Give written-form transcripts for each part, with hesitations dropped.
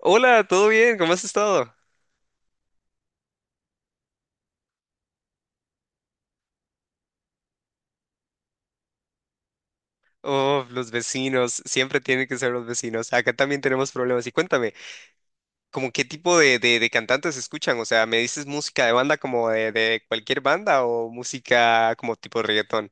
Hola, ¿todo bien? ¿Cómo has estado? Oh, los vecinos, siempre tienen que ser los vecinos. Acá también tenemos problemas. Y cuéntame, ¿cómo qué tipo de cantantes escuchan? O sea, ¿me dices música de banda como de cualquier banda o música como tipo reggaetón?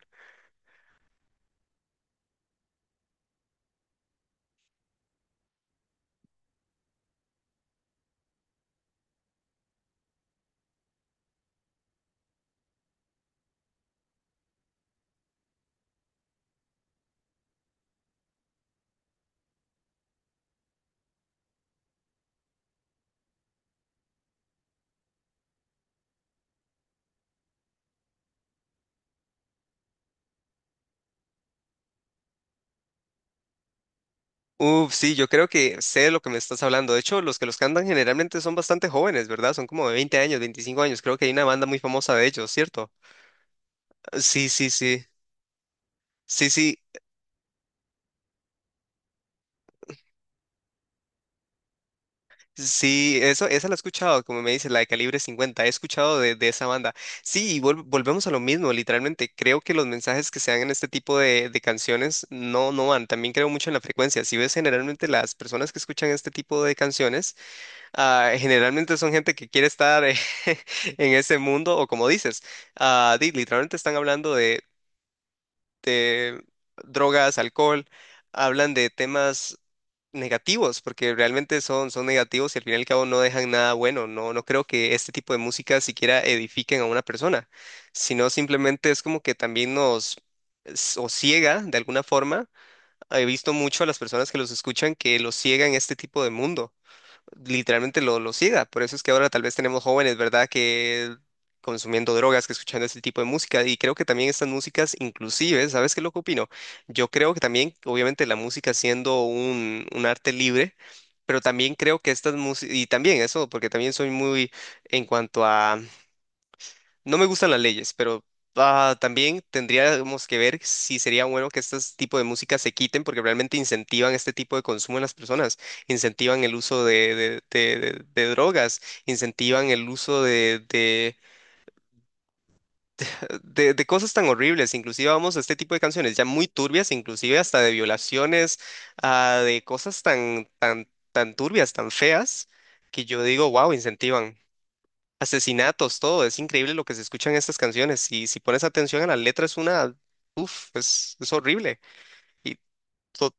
Uf, sí, yo creo que sé de lo que me estás hablando. De hecho, los que los cantan generalmente son bastante jóvenes, ¿verdad? Son como de 20 años, 25 años. Creo que hay una banda muy famosa de ellos, ¿cierto? Sí, sí, sí. Sí, sí. Sí, eso, esa la he escuchado, como me dice, la de calibre 50 he escuchado de esa banda. Sí, y volvemos a lo mismo, literalmente, creo que los mensajes que se dan en este tipo de canciones no van, también creo mucho en la frecuencia. Si ves generalmente las personas que escuchan este tipo de canciones, ah, generalmente son gente que quiere estar en ese mundo, o como dices, ah, literalmente están hablando de de drogas, alcohol, hablan de temas negativos, porque realmente son negativos y al fin y al cabo no dejan nada bueno. No, no creo que este tipo de música siquiera edifiquen a una persona, sino simplemente es como que también nos o ciega de alguna forma. He visto mucho a las personas que los escuchan que los ciega en este tipo de mundo literalmente lo siga. Por eso es que ahora tal vez tenemos jóvenes, ¿verdad? Que consumiendo drogas, que escuchando ese tipo de música. Y creo que también estas músicas, inclusive, ¿sabes qué es lo que opino? Yo creo que también, obviamente, la música siendo un arte libre, pero también creo que estas músicas, y también eso, porque también soy muy en cuanto a no me gustan las leyes, pero ah, también tendríamos que ver si sería bueno que este tipo de música se quiten porque realmente incentivan este tipo de consumo en las personas, incentivan el uso de, de drogas, incentivan el uso de cosas tan horribles. Inclusive vamos a este tipo de canciones ya muy turbias, inclusive hasta de violaciones, ah, de cosas tan turbias, tan feas, que yo digo, wow, incentivan asesinatos, todo. Es increíble lo que se escucha en estas canciones. Y si pones atención a la letra, es una, uf, es horrible. Y, to-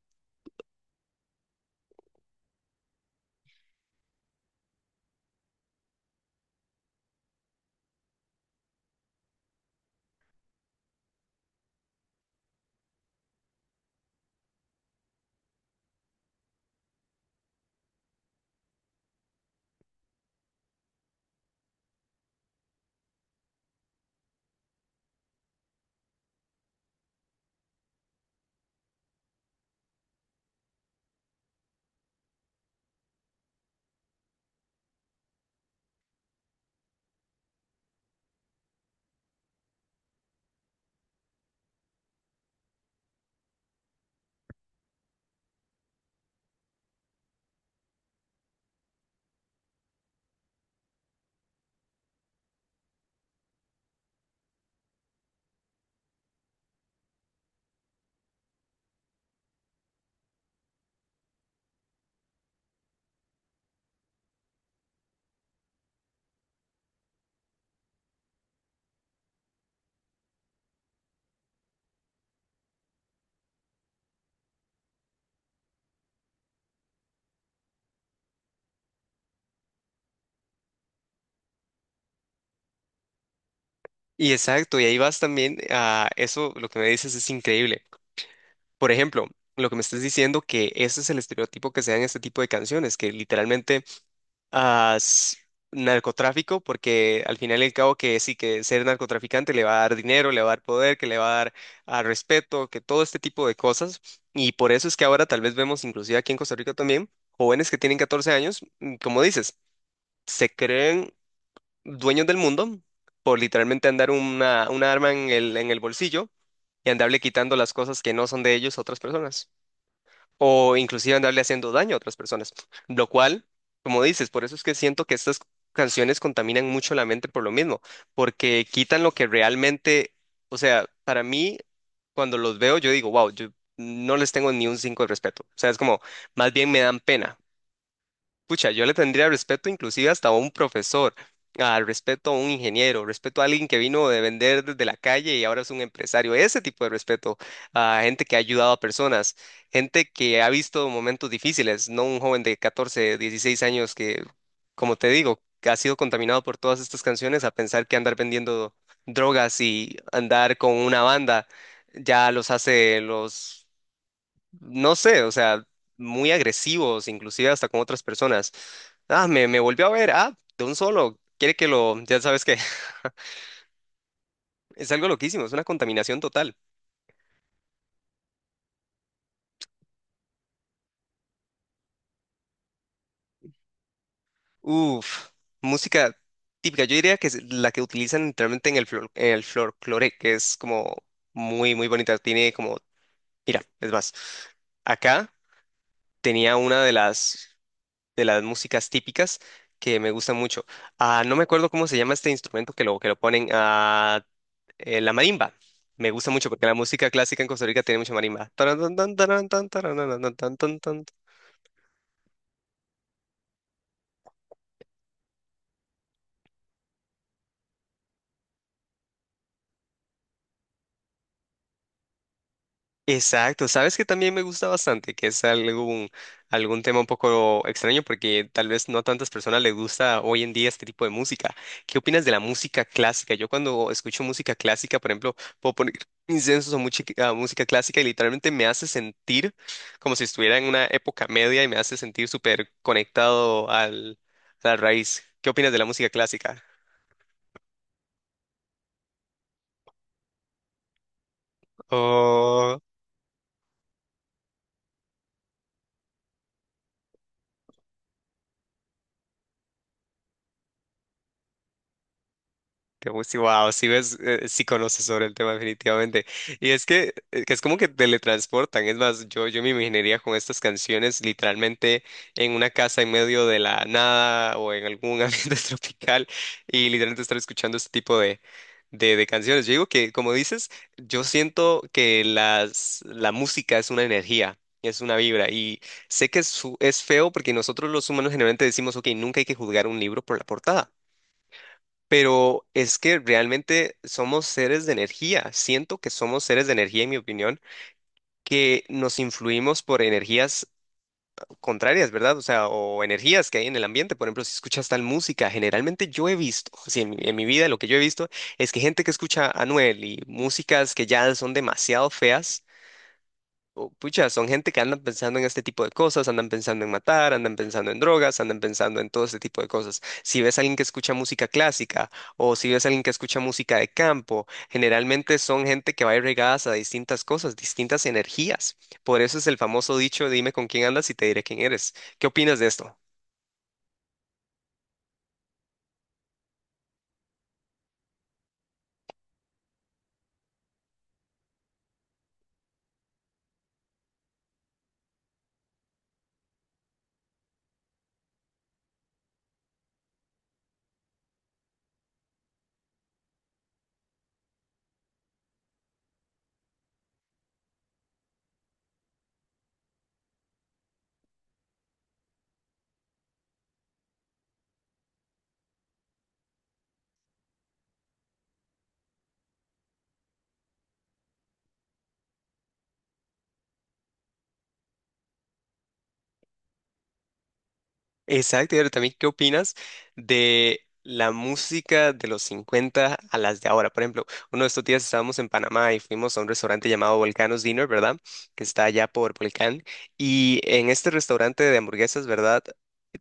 y exacto, y ahí vas también a eso, lo que me dices es increíble. Por ejemplo, lo que me estás diciendo que ese es el estereotipo que se da en este tipo de canciones, que literalmente a s- narcotráfico, porque al final y al cabo que sí, que ser narcotraficante le va a dar dinero, le va a dar poder, que le va a dar a respeto, que todo este tipo de cosas. Y por eso es que ahora tal vez vemos, inclusive aquí en Costa Rica también, jóvenes que tienen 14 años, mm, como dices, se creen dueños del mundo por literalmente andar una arma en el bolsillo y andarle quitando las cosas que no son de ellos a otras personas o inclusive andarle haciendo daño a otras personas. Lo cual, como dices, por eso es que siento que estas canciones contaminan mucho la mente por lo mismo, porque quitan lo que realmente, o sea, para mí, cuando los veo, yo digo, wow, yo no les tengo ni un cinco de respeto. O sea, es como, más bien me dan pena. Pucha, yo le tendría respeto inclusive hasta a un profesor, al respeto a un ingeniero, respeto a alguien que vino de vender desde la calle y ahora es un empresario. Ese tipo de respeto a gente que ha ayudado a personas, gente que ha visto momentos difíciles, no un joven de 14, 16 años que, como te digo, que ha sido contaminado por todas estas canciones a pensar que andar vendiendo drogas y andar con una banda ya los hace los no sé, o sea, muy agresivos, inclusive hasta con otras personas. Ah, me volvió a ver, ah, de un solo, quiere que lo, ya sabes que es algo loquísimo, es una contaminación total. Uf, música típica, yo diría que es la que utilizan literalmente en el, en el folclore, que es como muy bonita, tiene como, mira, es más, acá tenía una de las músicas típicas que me gusta mucho. Ah, no me acuerdo cómo se llama este instrumento que lo ponen. Ah, la marimba. Me gusta mucho porque la música clásica en Costa Rica tiene mucha marimba. Exacto, sabes que también me gusta bastante, que es algún, algún tema un poco extraño porque tal vez no a tantas personas les gusta hoy en día este tipo de música. ¿Qué opinas de la música clásica? Yo cuando escucho música clásica, por ejemplo, puedo poner incensos o música, música clásica y literalmente me hace sentir como si estuviera en una época media y me hace sentir súper conectado al, a la raíz. ¿Qué opinas de la música clásica? Qué wow, si ves, sí conoces sobre el tema definitivamente. Y es que es como que teletransportan. Es más, yo me imaginaría con estas canciones literalmente en una casa en medio de la nada o en algún ambiente tropical y literalmente estar escuchando este tipo de canciones. Yo digo que, como dices, yo siento que las, la música es una energía. Es una vibra y sé que es, es feo porque nosotros los humanos generalmente decimos, ok, nunca hay que juzgar un libro por la portada. Pero es que realmente somos seres de energía. Siento que somos seres de energía, en mi opinión, que nos influimos por energías contrarias, ¿verdad? O sea, o energías que hay en el ambiente. Por ejemplo, si escuchas tal música, generalmente yo he visto, si en, mi en mi vida lo que yo he visto es que gente que escucha a Anuel y músicas que ya son demasiado feas o, pucha, son gente que andan pensando en este tipo de cosas, andan pensando en matar, andan pensando en drogas, andan pensando en todo este tipo de cosas. Si ves a alguien que escucha música clásica o si ves a alguien que escucha música de campo, generalmente son gente que va irregadas a distintas cosas, distintas energías. Por eso es el famoso dicho, dime con quién andas y te diré quién eres. ¿Qué opinas de esto? Exacto, y ahora también, ¿qué opinas de la música de los 50 a las de ahora? Por ejemplo, uno de estos días estábamos en Panamá y fuimos a un restaurante llamado Volcano's Dinner, ¿verdad? Que está allá por Volcán. Y en este restaurante de hamburguesas, ¿verdad?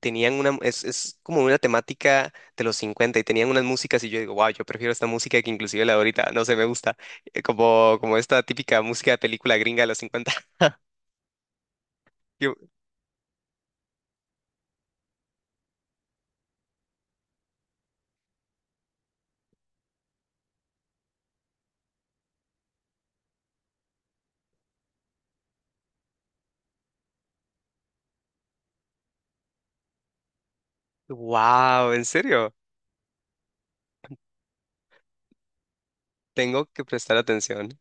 Tenían una, es como una temática de los 50 y tenían unas músicas y yo digo, wow, yo prefiero esta música que inclusive la de ahorita, no sé, me gusta, eh, como, como esta típica música de película gringa de los 50. Yo, wow, ¿en serio? Tengo que prestar atención.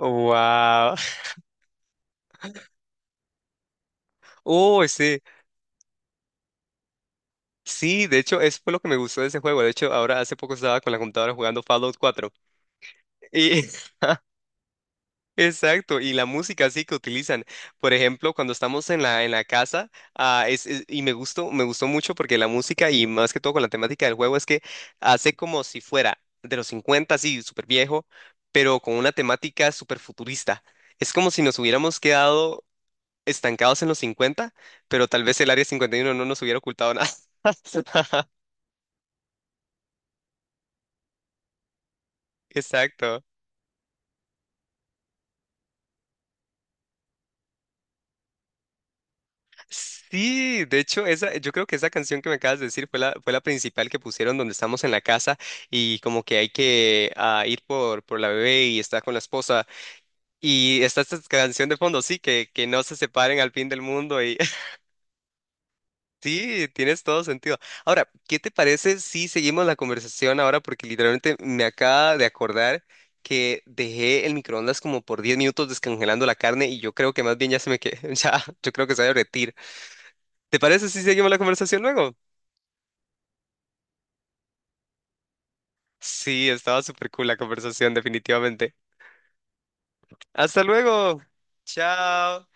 Wow. Oh, sí. Sí, de hecho, eso fue lo que me gustó de ese juego. De hecho, ahora hace poco estaba con la computadora jugando Fallout 4. Y exacto, y la música así que utilizan. Por ejemplo, cuando estamos en la casa, ah, y me gustó mucho porque la música y más que todo con la temática del juego es que hace como si fuera de los 50 así súper viejo, pero con una temática súper futurista. Es como si nos hubiéramos quedado estancados en los 50, pero tal vez el área 51 no nos hubiera ocultado nada. Exacto. Sí, de hecho, esa, yo creo que esa canción que me acabas de decir fue la principal que pusieron donde estamos en la casa y como que hay que ah, ir por la bebé y está con la esposa y está esta canción de fondo, sí, que no se separen al fin del mundo y sí, tienes todo sentido. Ahora, ¿qué te parece si seguimos la conversación ahora? Porque literalmente me acaba de acordar que dejé el microondas como por 10 minutos descongelando la carne y yo creo que más bien ya se me que ya, yo creo que se va a derretir. ¿Te parece si seguimos la conversación luego? Sí, estaba súper cool la conversación, definitivamente. Hasta luego. Chao.